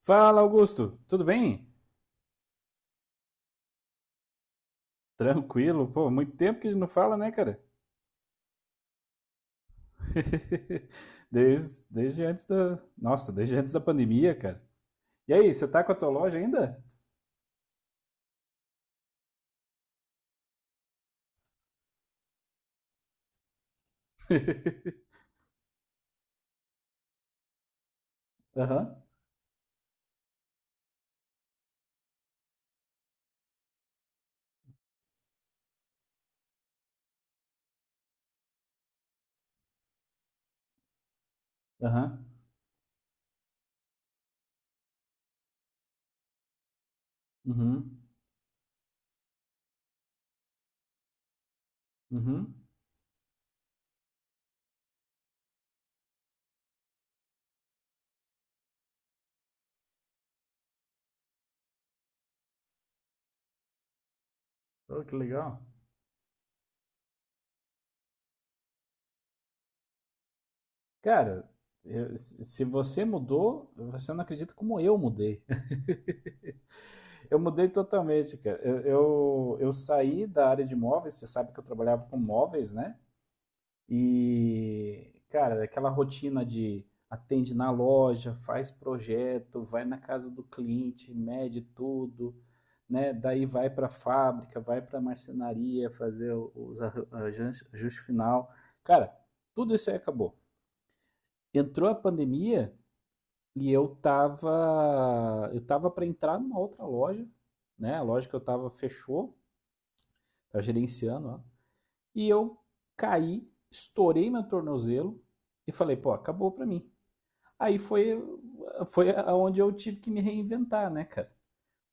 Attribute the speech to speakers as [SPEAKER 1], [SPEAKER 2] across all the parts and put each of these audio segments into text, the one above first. [SPEAKER 1] Fala, Augusto. Tudo bem? Tranquilo. Pô, muito tempo que a gente não fala, né, cara? Desde antes da. Nossa, desde antes da pandemia, cara. E aí, você tá com a tua loja ainda? Aham, aham. Uhum, uhum. Oh, que legal. Cara, se você mudou, você não acredita como eu mudei. Eu mudei totalmente, cara. Eu saí da área de móveis, você sabe que eu trabalhava com móveis, né? E, cara, aquela rotina de atende na loja, faz projeto, vai na casa do cliente, mede tudo, né? Daí vai para a fábrica, vai para a marcenaria fazer ajuste final. Cara, tudo isso aí acabou. Entrou a pandemia e eu tava para entrar numa outra loja, né? A loja que eu tava fechou, tava gerenciando, ó. E eu caí, estourei meu tornozelo e falei, pô, acabou pra mim. Aí foi, foi onde eu tive que me reinventar, né, cara?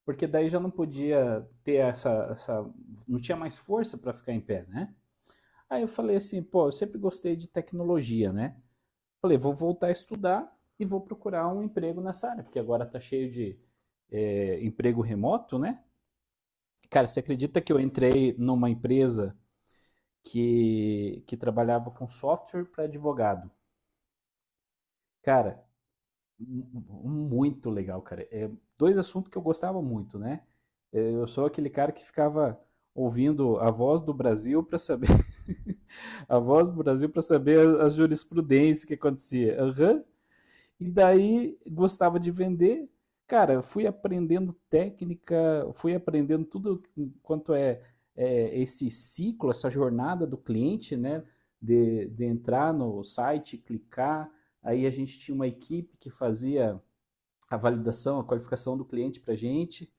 [SPEAKER 1] Porque daí já não podia ter essa. Não tinha mais força para ficar em pé, né? Aí eu falei assim, pô, eu sempre gostei de tecnologia, né? Falei, vou voltar a estudar e vou procurar um emprego nessa área, porque agora tá cheio de emprego remoto, né? Cara, você acredita que eu entrei numa empresa que trabalhava com software para advogado. Cara, um muito legal, cara. É dois assuntos que eu gostava muito, né? Eu sou aquele cara que ficava ouvindo a voz do Brasil para saber a voz do Brasil para saber a jurisprudência que acontecia. Aham, e daí gostava de vender. Cara, eu fui aprendendo técnica, fui aprendendo tudo quanto esse ciclo, essa jornada do cliente, né? De entrar no site, clicar. Aí a gente tinha uma equipe que fazia a validação, a qualificação do cliente para a gente.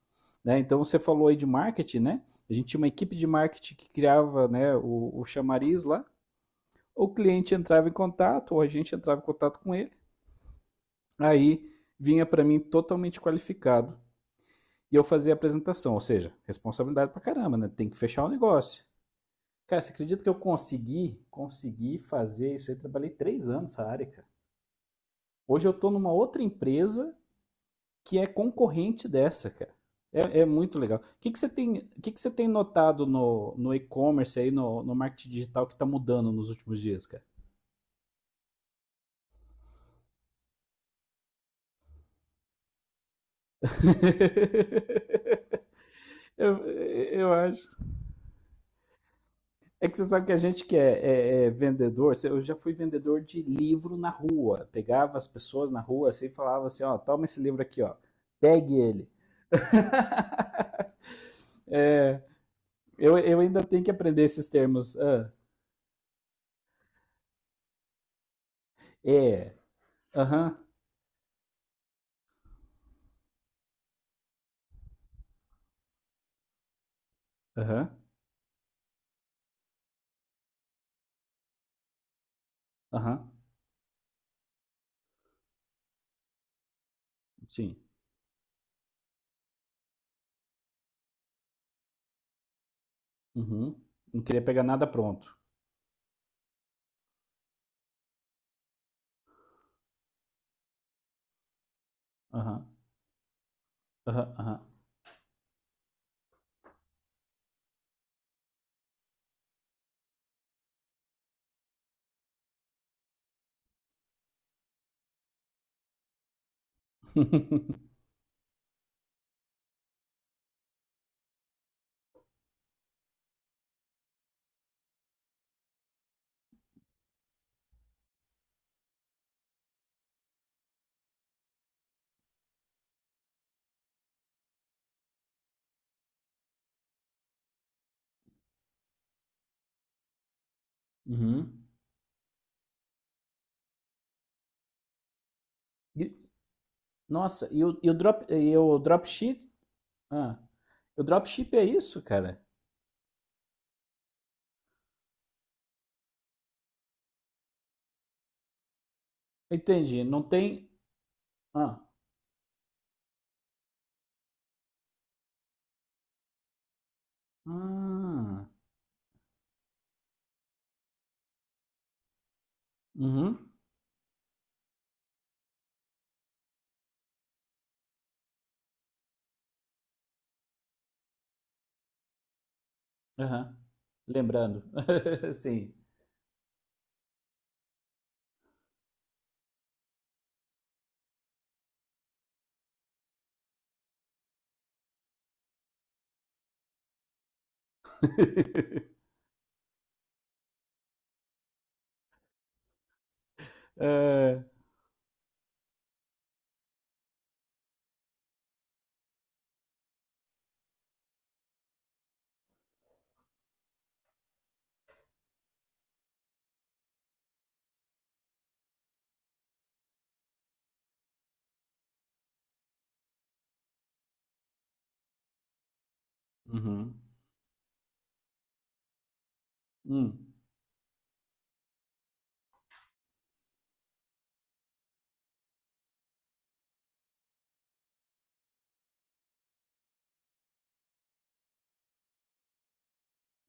[SPEAKER 1] Né? Então você falou aí de marketing, né? A gente tinha uma equipe de marketing que criava né, o chamariz lá. O cliente entrava em contato, ou a gente entrava em contato com ele. Aí vinha para mim totalmente qualificado e eu fazia a apresentação, ou seja, responsabilidade pra caramba, né? Tem que fechar o negócio. Cara, você acredita que eu consegui fazer isso aí? Trabalhei três anos nessa área, cara. Hoje eu tô numa outra empresa que é concorrente dessa, cara. É, é muito legal. O que, que você tem, o que, que você tem notado no e-commerce aí, no marketing digital que tá mudando nos últimos dias, cara? Eu acho. É que você sabe que a gente que é, é vendedor, eu já fui vendedor de livro na rua. Pegava as pessoas na rua assim e falava assim, ó, toma esse livro aqui, ó. Pegue ele. Eu ainda tenho que aprender esses termos. Ah, é, aham, aham, aham, sim, uhum. Não queria pegar nada pronto. Aham, aham, aham. Uhum. E- nossa, e o drop, e o dropship? Ah, o dropship é isso, cara? Entendi, não tem... Ah, ah. Uhum, aham. Lembrando. Sim. É. Uhum. Hum,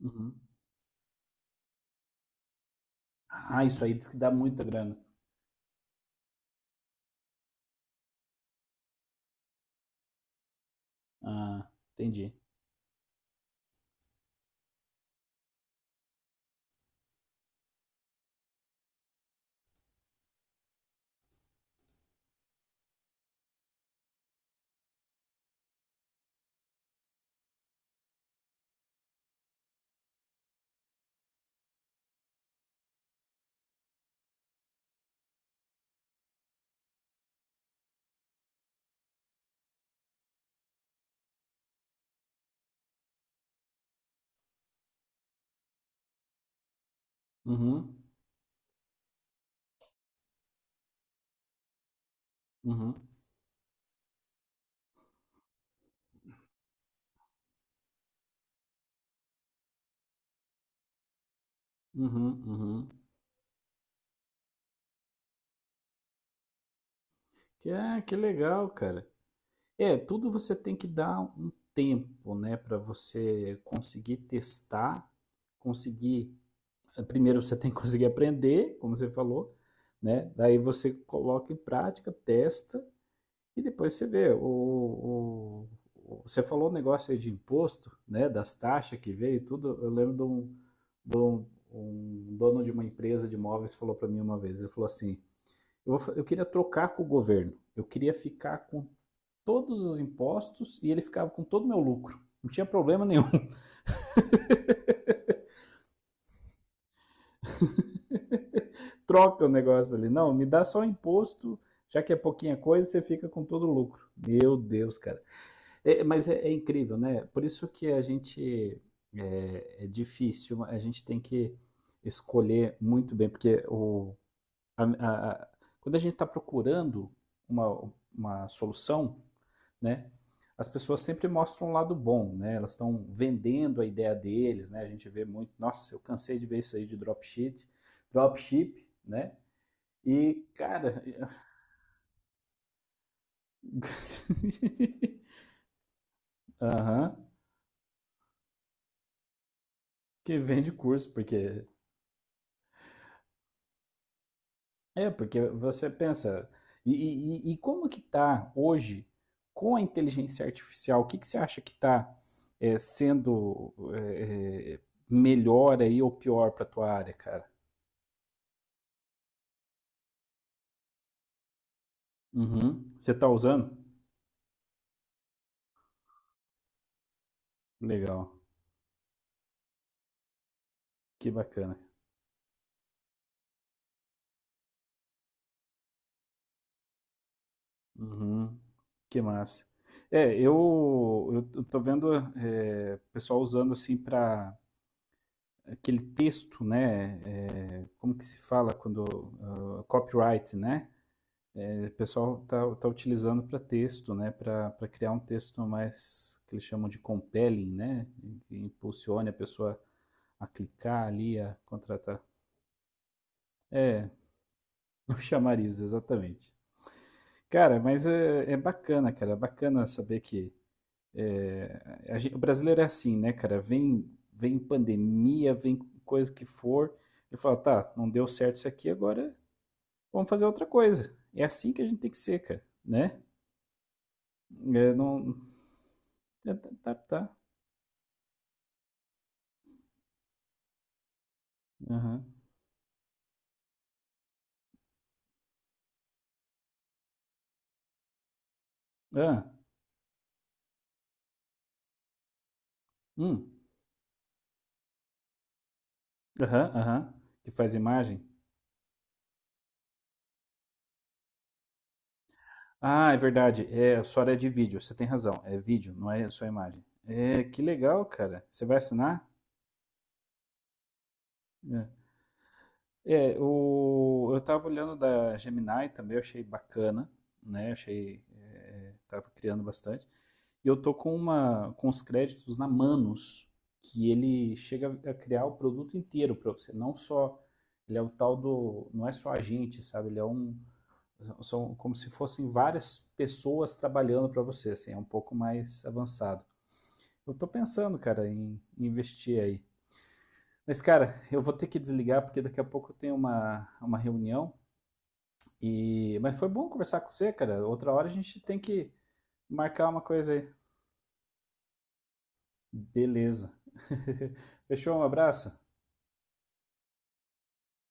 [SPEAKER 1] uhum. Ah, isso aí diz que dá muita grana. Ah, entendi. Uhum, uhum, uhum, uhum. Que, ah, que legal, cara. É, tudo você tem que dar um tempo, né, para você conseguir testar, conseguir. Primeiro você tem que conseguir aprender, como você falou, né? Daí você coloca em prática, testa. E depois você vê, você falou um negócio aí de imposto, né, das taxas que veio e tudo. Eu lembro de um- um dono de uma empresa de imóveis falou para mim uma vez, ele falou assim, eu queria trocar com o governo, eu queria ficar com todos os impostos e ele ficava com todo o meu lucro. Não tinha problema nenhum. Troca o negócio ali. Não, me dá só o imposto, já que é pouquinha coisa, você fica com todo o lucro. Meu Deus, cara. É, mas é, é incrível, né? Por isso que a gente é, é difícil, a gente tem que escolher muito bem, porque a- a- a- quando a gente está procurando uma solução, né? As pessoas sempre mostram um lado bom, né? Elas estão vendendo a ideia deles, né? A gente vê muito, nossa, eu cansei de ver isso aí de dropship, dropship, né? E, cara, aham, que vende curso, porque É, porque você pensa, como que está hoje com a inteligência artificial? O que que você acha que está sendo melhor aí ou pior para tua área, cara? Uhum. Você está usando? Legal, que bacana. Uhum. Que massa. É, eu tô vendo pessoal usando assim para aquele texto, né? Como que se fala quando ah, copyright, né? O pessoal está tá utilizando para texto, né? Para criar um texto mais que eles chamam de compelling, né? Que impulsione a pessoa a clicar ali, a contratar. É, o chamariz, exatamente. Cara, mas é, é bacana, cara. É bacana saber que o brasileiro é assim, né, cara? Vem, vem pandemia, vem coisa que for. Ele fala, tá, não deu certo isso aqui, agora vamos fazer outra coisa. É assim que a gente tem que ser, cara, né? É, não, é, tá, tá, tá. Aham. Hã? Hum. Aham, aham. Que faz imagem? Ah, é verdade. É, a sua área é de vídeo, você tem razão. É vídeo, não é só imagem. É, que legal, cara. Você vai assinar? É, É, o, eu tava olhando da Gemini também, eu achei bacana, né? Eu achei, é, tava criando bastante. E eu tô com uma, com os créditos na Manus, que ele chega a criar o produto inteiro para você, não só, ele é o tal do, não é só agente, sabe? Ele é um. São como se fossem várias pessoas trabalhando para você, assim, é um pouco mais avançado. Eu tô pensando, cara, em investir aí. Mas, cara, eu vou ter que desligar porque daqui a pouco eu tenho uma reunião. E... Mas foi bom conversar com você, cara. Outra hora a gente tem que marcar uma coisa aí. Beleza. Fechou? Um abraço.